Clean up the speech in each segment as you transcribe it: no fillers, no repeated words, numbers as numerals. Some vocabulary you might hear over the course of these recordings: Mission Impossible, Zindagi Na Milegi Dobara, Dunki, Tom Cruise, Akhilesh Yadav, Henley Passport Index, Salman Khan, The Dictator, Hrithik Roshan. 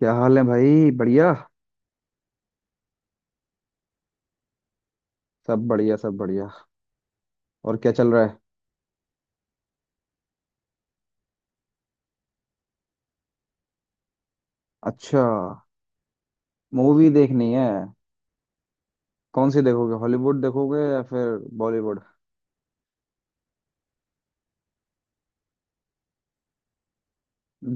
क्या हाल है भाई? बढ़िया। सब बढ़िया, सब बढ़िया। और क्या चल रहा है? अच्छा, मूवी देखनी है। कौन सी देखोगे, हॉलीवुड देखोगे या फिर बॉलीवुड?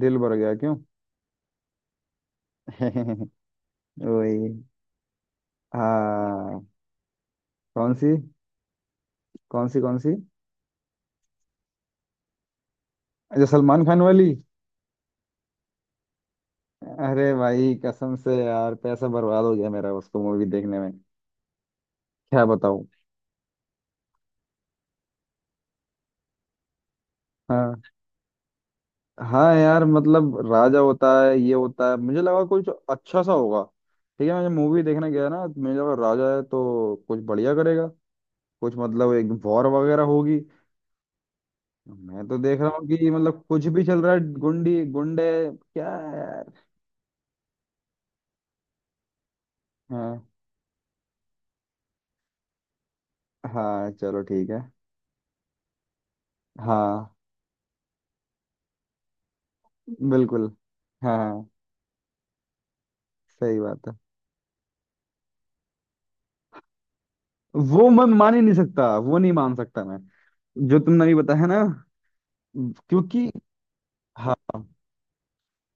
दिल भर गया क्यों? वही। हाँ। कौन सी? कौन सी कौन सी? अच्छा, सलमान खान वाली। अरे भाई, कसम से यार पैसा बर्बाद हो गया मेरा उसको मूवी देखने में। क्या बताऊं। हाँ यार, मतलब राजा होता है ये होता है, मुझे लगा कुछ अच्छा सा होगा। ठीक है, मैं जब मूवी देखने गया ना तो मुझे लगा राजा है तो कुछ बढ़िया करेगा। कुछ मतलब एक वॉर वगैरह होगी। मैं तो देख रहा हूँ कि मतलब कुछ भी चल रहा है, गुंडी गुंडे क्या है यार। हाँ। हाँ, चलो ठीक है। हाँ। बिल्कुल। हाँ हाँ, सही बात है। वो मैं मान ही नहीं सकता, वो नहीं मान सकता मैं। जो तुमने अभी बताया ना, क्योंकि हाँ।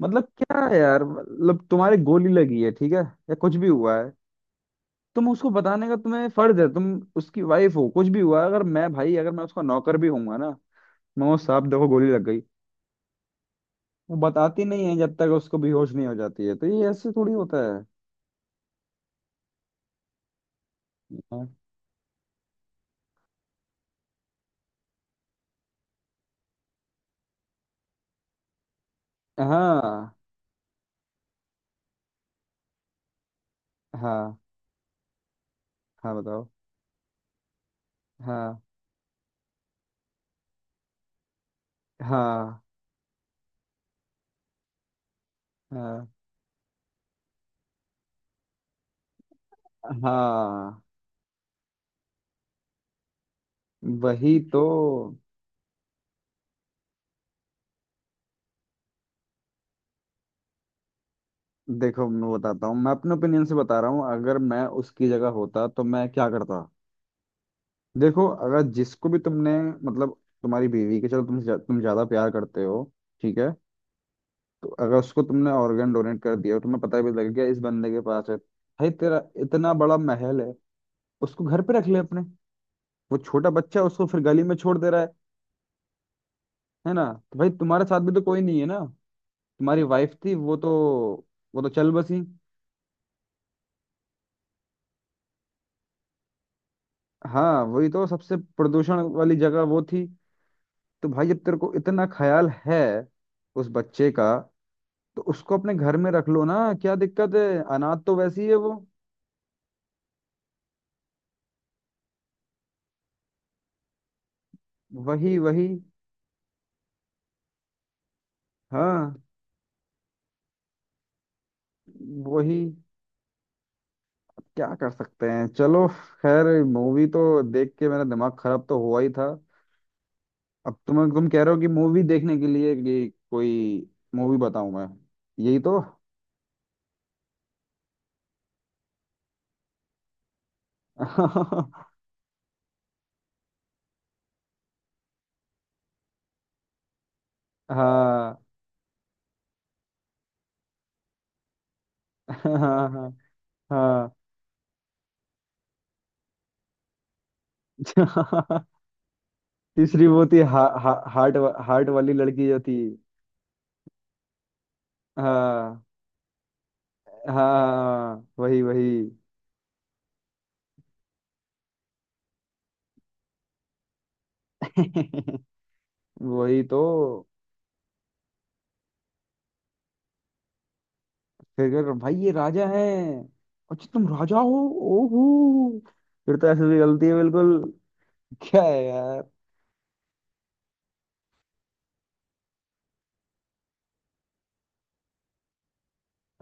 मतलब क्या है यार? मतलब तुम्हारे गोली लगी है, ठीक है, या कुछ भी हुआ है, तुम उसको बताने का तुम्हें फर्ज है। तुम उसकी वाइफ हो, कुछ भी हुआ है, अगर मैं भाई, अगर मैं उसका नौकर भी हूंगा ना, मैं वो साहब देखो गोली लग गई। वो बताती नहीं है जब तक उसको बेहोश नहीं हो जाती है, तो ये ऐसे थोड़ी होता है। हाँ। हाँ। हाँ। हाँ, बताओ। हाँ। हाँ। हाँ। हाँ। वही तो। देखो, मैं बताता हूँ, मैं अपने ओपिनियन से बता रहा हूँ। अगर मैं उसकी जगह होता तो मैं क्या करता। देखो, अगर जिसको भी तुमने, मतलब तुम्हारी बीवी के, चलो तुम ज्यादा प्यार करते हो, ठीक है। तो अगर उसको तुमने ऑर्गन डोनेट कर दिया और तुम्हें पता भी लग गया इस बंदे के पास है, भाई तेरा इतना बड़ा महल है, उसको घर पे रख ले अपने। वो छोटा बच्चा है, उसको फिर गली में छोड़ दे रहा है ना। तो भाई तुम्हारे साथ भी तो कोई नहीं है ना, तुम्हारी वाइफ थी, वो तो, वो तो चल बसी। हाँ वही तो, सबसे प्रदूषण वाली जगह वो थी। तो भाई जब तेरे को इतना ख्याल है उस बच्चे का, तो उसको अपने घर में रख लो ना, क्या दिक्कत है। अनाथ तो वैसी है वो। वही वही। हाँ वही। क्या कर सकते हैं, चलो। खैर, मूवी तो देख के मेरा दिमाग खराब तो हुआ ही था। अब तुम कह रहे हो कि मूवी देखने के लिए कि कोई मूवी बताऊं मैं। यही तो हाँ। हाँ। हाँ। हाँ। तीसरी वो थी, हा, हा, हार्ट वा- हार्ट वाली लड़की जो थी। हाँ हाँ, हाँ, वही वही। वही तो। भाई ये राजा है, अच्छा तुम राजा हो। ओहो, फिर तो ऐसे भी गलती है बिल्कुल। क्या है यार।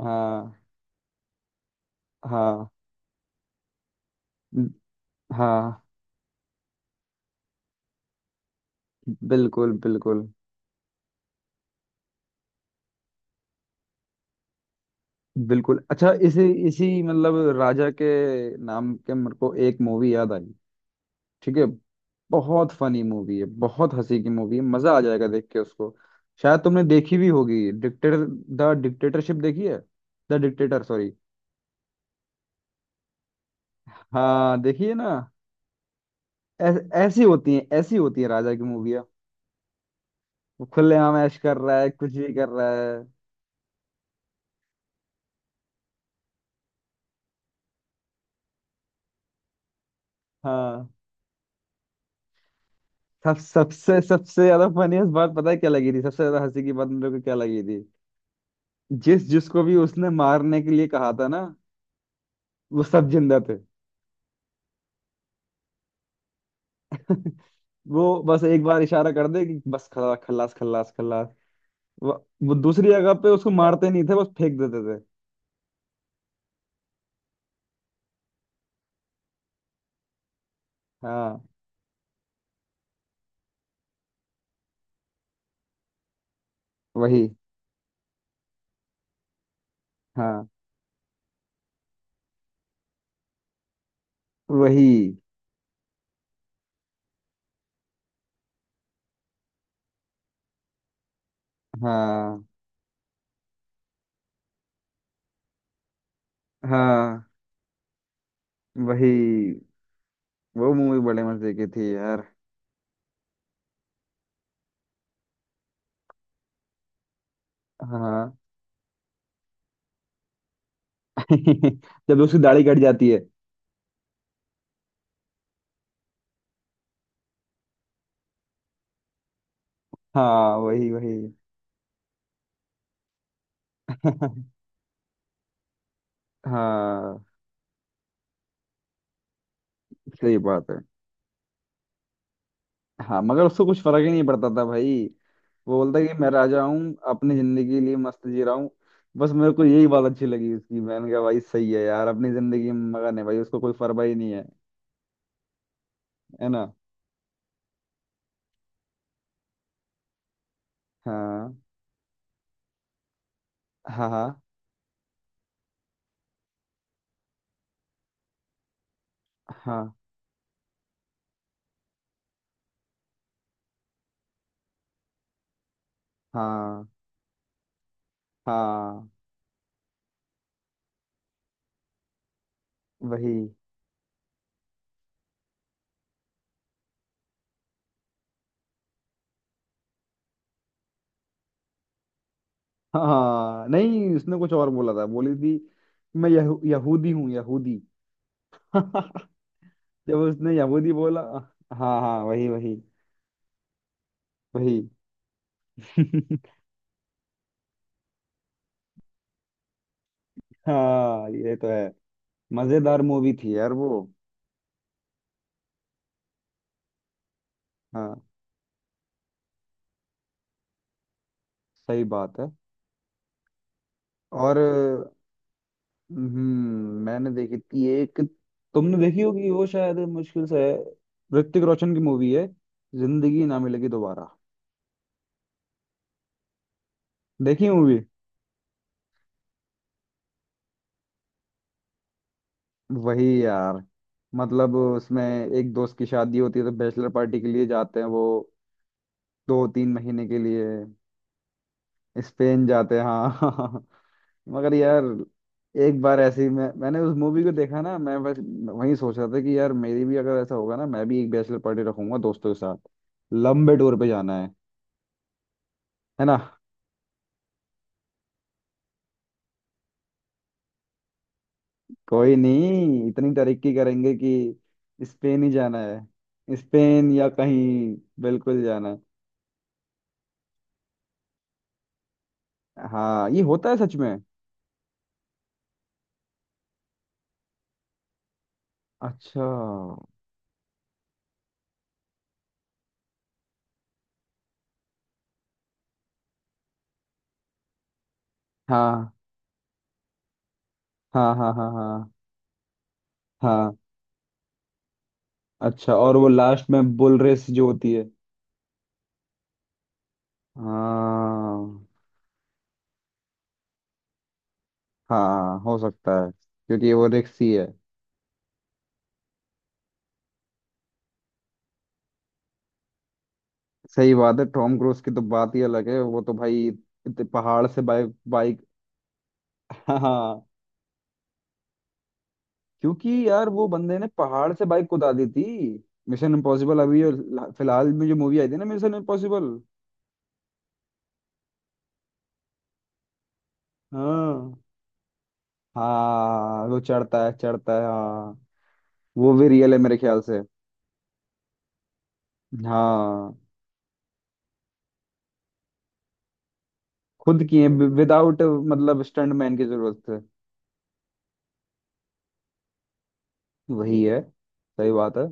हाँ। हाँ। हाँ। बिल्कुल बिल्कुल बिल्कुल। अच्छा, इसी इसी मतलब राजा के नाम के मेरे को एक मूवी याद आई। ठीक है, बहुत फनी मूवी है, बहुत हंसी की मूवी है, मजा आ जाएगा देख के उसको। शायद तुमने देखी भी होगी, डिक्टेटर, द डिक्टेटरशिप देखी है, द डिक्टेटर सॉरी। हाँ, देखिए ना। ऐस- ऐसी होती है, ऐसी होती है राजा की मूवियाँ। वो खुलेआम ऐश कर रहा है, कुछ भी कर रहा है। हाँ। सब सबसे सबसे ज्यादा फनीस्ट बात पता है क्या लगी थी, सबसे ज्यादा हंसी की बात मेरे को क्या लगी थी। जिसको भी उसने मारने के लिए कहा था ना, वो सब जिंदा थे। वो बस एक बार इशारा कर दे कि बस खल्लास, खल्लास, खल्लास। वो, वो दूसरी जगह पे उसको मारते नहीं थे, बस फेंक देते थे। हाँ वही। हाँ वही। हाँ। हाँ वही। वो मूवी बड़े मजे की थी यार। हाँ। जब उसकी दाढ़ी कट जाती है। हाँ वही वही। हाँ, सही बात है। हाँ, मगर उसको कुछ फर्क ही नहीं पड़ता था भाई। वो बोलता है कि मैं राजा हूँ, अपनी जिंदगी के लिए मस्त जी रहा हूँ। बस मेरे को यही बात अच्छी लगी उसकी, मैंने कहा भाई सही है यार, अपनी जिंदगी में मगन है भाई, उसको कोई परवाह ही नहीं है, है ना। हाँ। हाँ। हाँ। हाँ। हाँ। हाँ वही। हाँ नहीं, उसने कुछ और बोला था, बोली थी कि मैं यहूदी हूँ, यहूदी। जब उसने यहूदी बोला। हाँ हाँ वही वही। वही। हाँ ये तो है। मजेदार मूवी थी यार वो। हाँ, सही बात है। और, हम्म, मैंने देखी थी एक। तुमने देखी होगी, वो शायद मुश्किल से है, ऋतिक रोशन की मूवी है, जिंदगी ना मिलेगी दोबारा। देखी मूवी? वही यार। मतलब उसमें एक दोस्त की शादी होती है तो बैचलर पार्टी के लिए जाते हैं वो दो तीन महीने के लिए, स्पेन जाते हैं हाँ। मगर यार, एक बार ऐसी मैं, मैंने उस मूवी को देखा ना, मैं बस वही सोच रहा था कि यार मेरी भी अगर ऐसा होगा ना, मैं भी एक बैचलर पार्टी रखूंगा दोस्तों के साथ, लंबे टूर पे जाना है ना। कोई नहीं, इतनी तरक्की करेंगे कि स्पेन ही जाना है, स्पेन या कहीं। बिल्कुल जाना है। हाँ ये होता है सच में। अच्छा। हाँ। हाँ। हाँ। हाँ। हाँ। हाँ। अच्छा, और वो लास्ट में बुल रेस जो होती है। हाँ। हाँ हो सकता है, क्योंकि वो रिक्स ही है। सही बात है, टॉम क्रूज की तो बात ही अलग है, वो तो भाई इतने पहाड़ से बाइक बाइक। हाँ हाँ, क्योंकि यार वो बंदे ने पहाड़ से बाइक कुदा दी थी। मिशन इम्पॉसिबल, फिलहाल में जो मूवी आई थी ना, मिशन इम्पॉसिबल। हाँ। हाँ वो चढ़ता है, चढ़ता है हाँ। वो भी रियल है मेरे ख्याल से। हाँ। खुद किए विदाउट, मतलब स्टंटमैन की जरूरत है। वही है, सही बात है।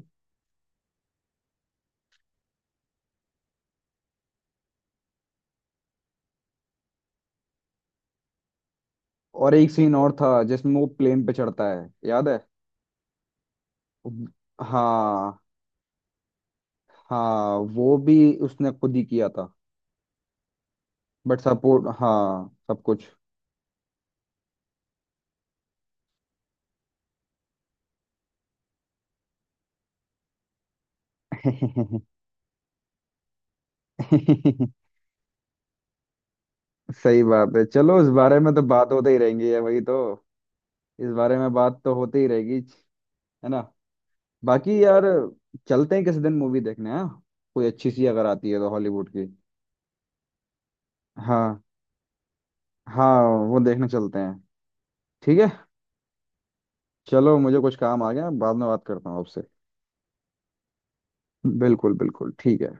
और एक सीन और था जिसमें वो प्लेन पे चढ़ता है, याद है। हाँ। हाँ वो भी उसने खुद ही किया था। बट सपोर्ट हाँ सब कुछ। सही बात है, चलो इस बारे में तो बात होते ही रहेंगी, है वही तो। इस बारे में बात तो होती ही रहेगी, है ना। बाकी यार, चलते हैं किसी दिन मूवी देखने, हाँ, कोई अच्छी सी अगर आती है तो हॉलीवुड की। हाँ। हाँ, वो देखने चलते हैं। ठीक है, चलो मुझे कुछ काम आ गया, बाद में बात करता हूँ आपसे। बिल्कुल बिल्कुल, ठीक है।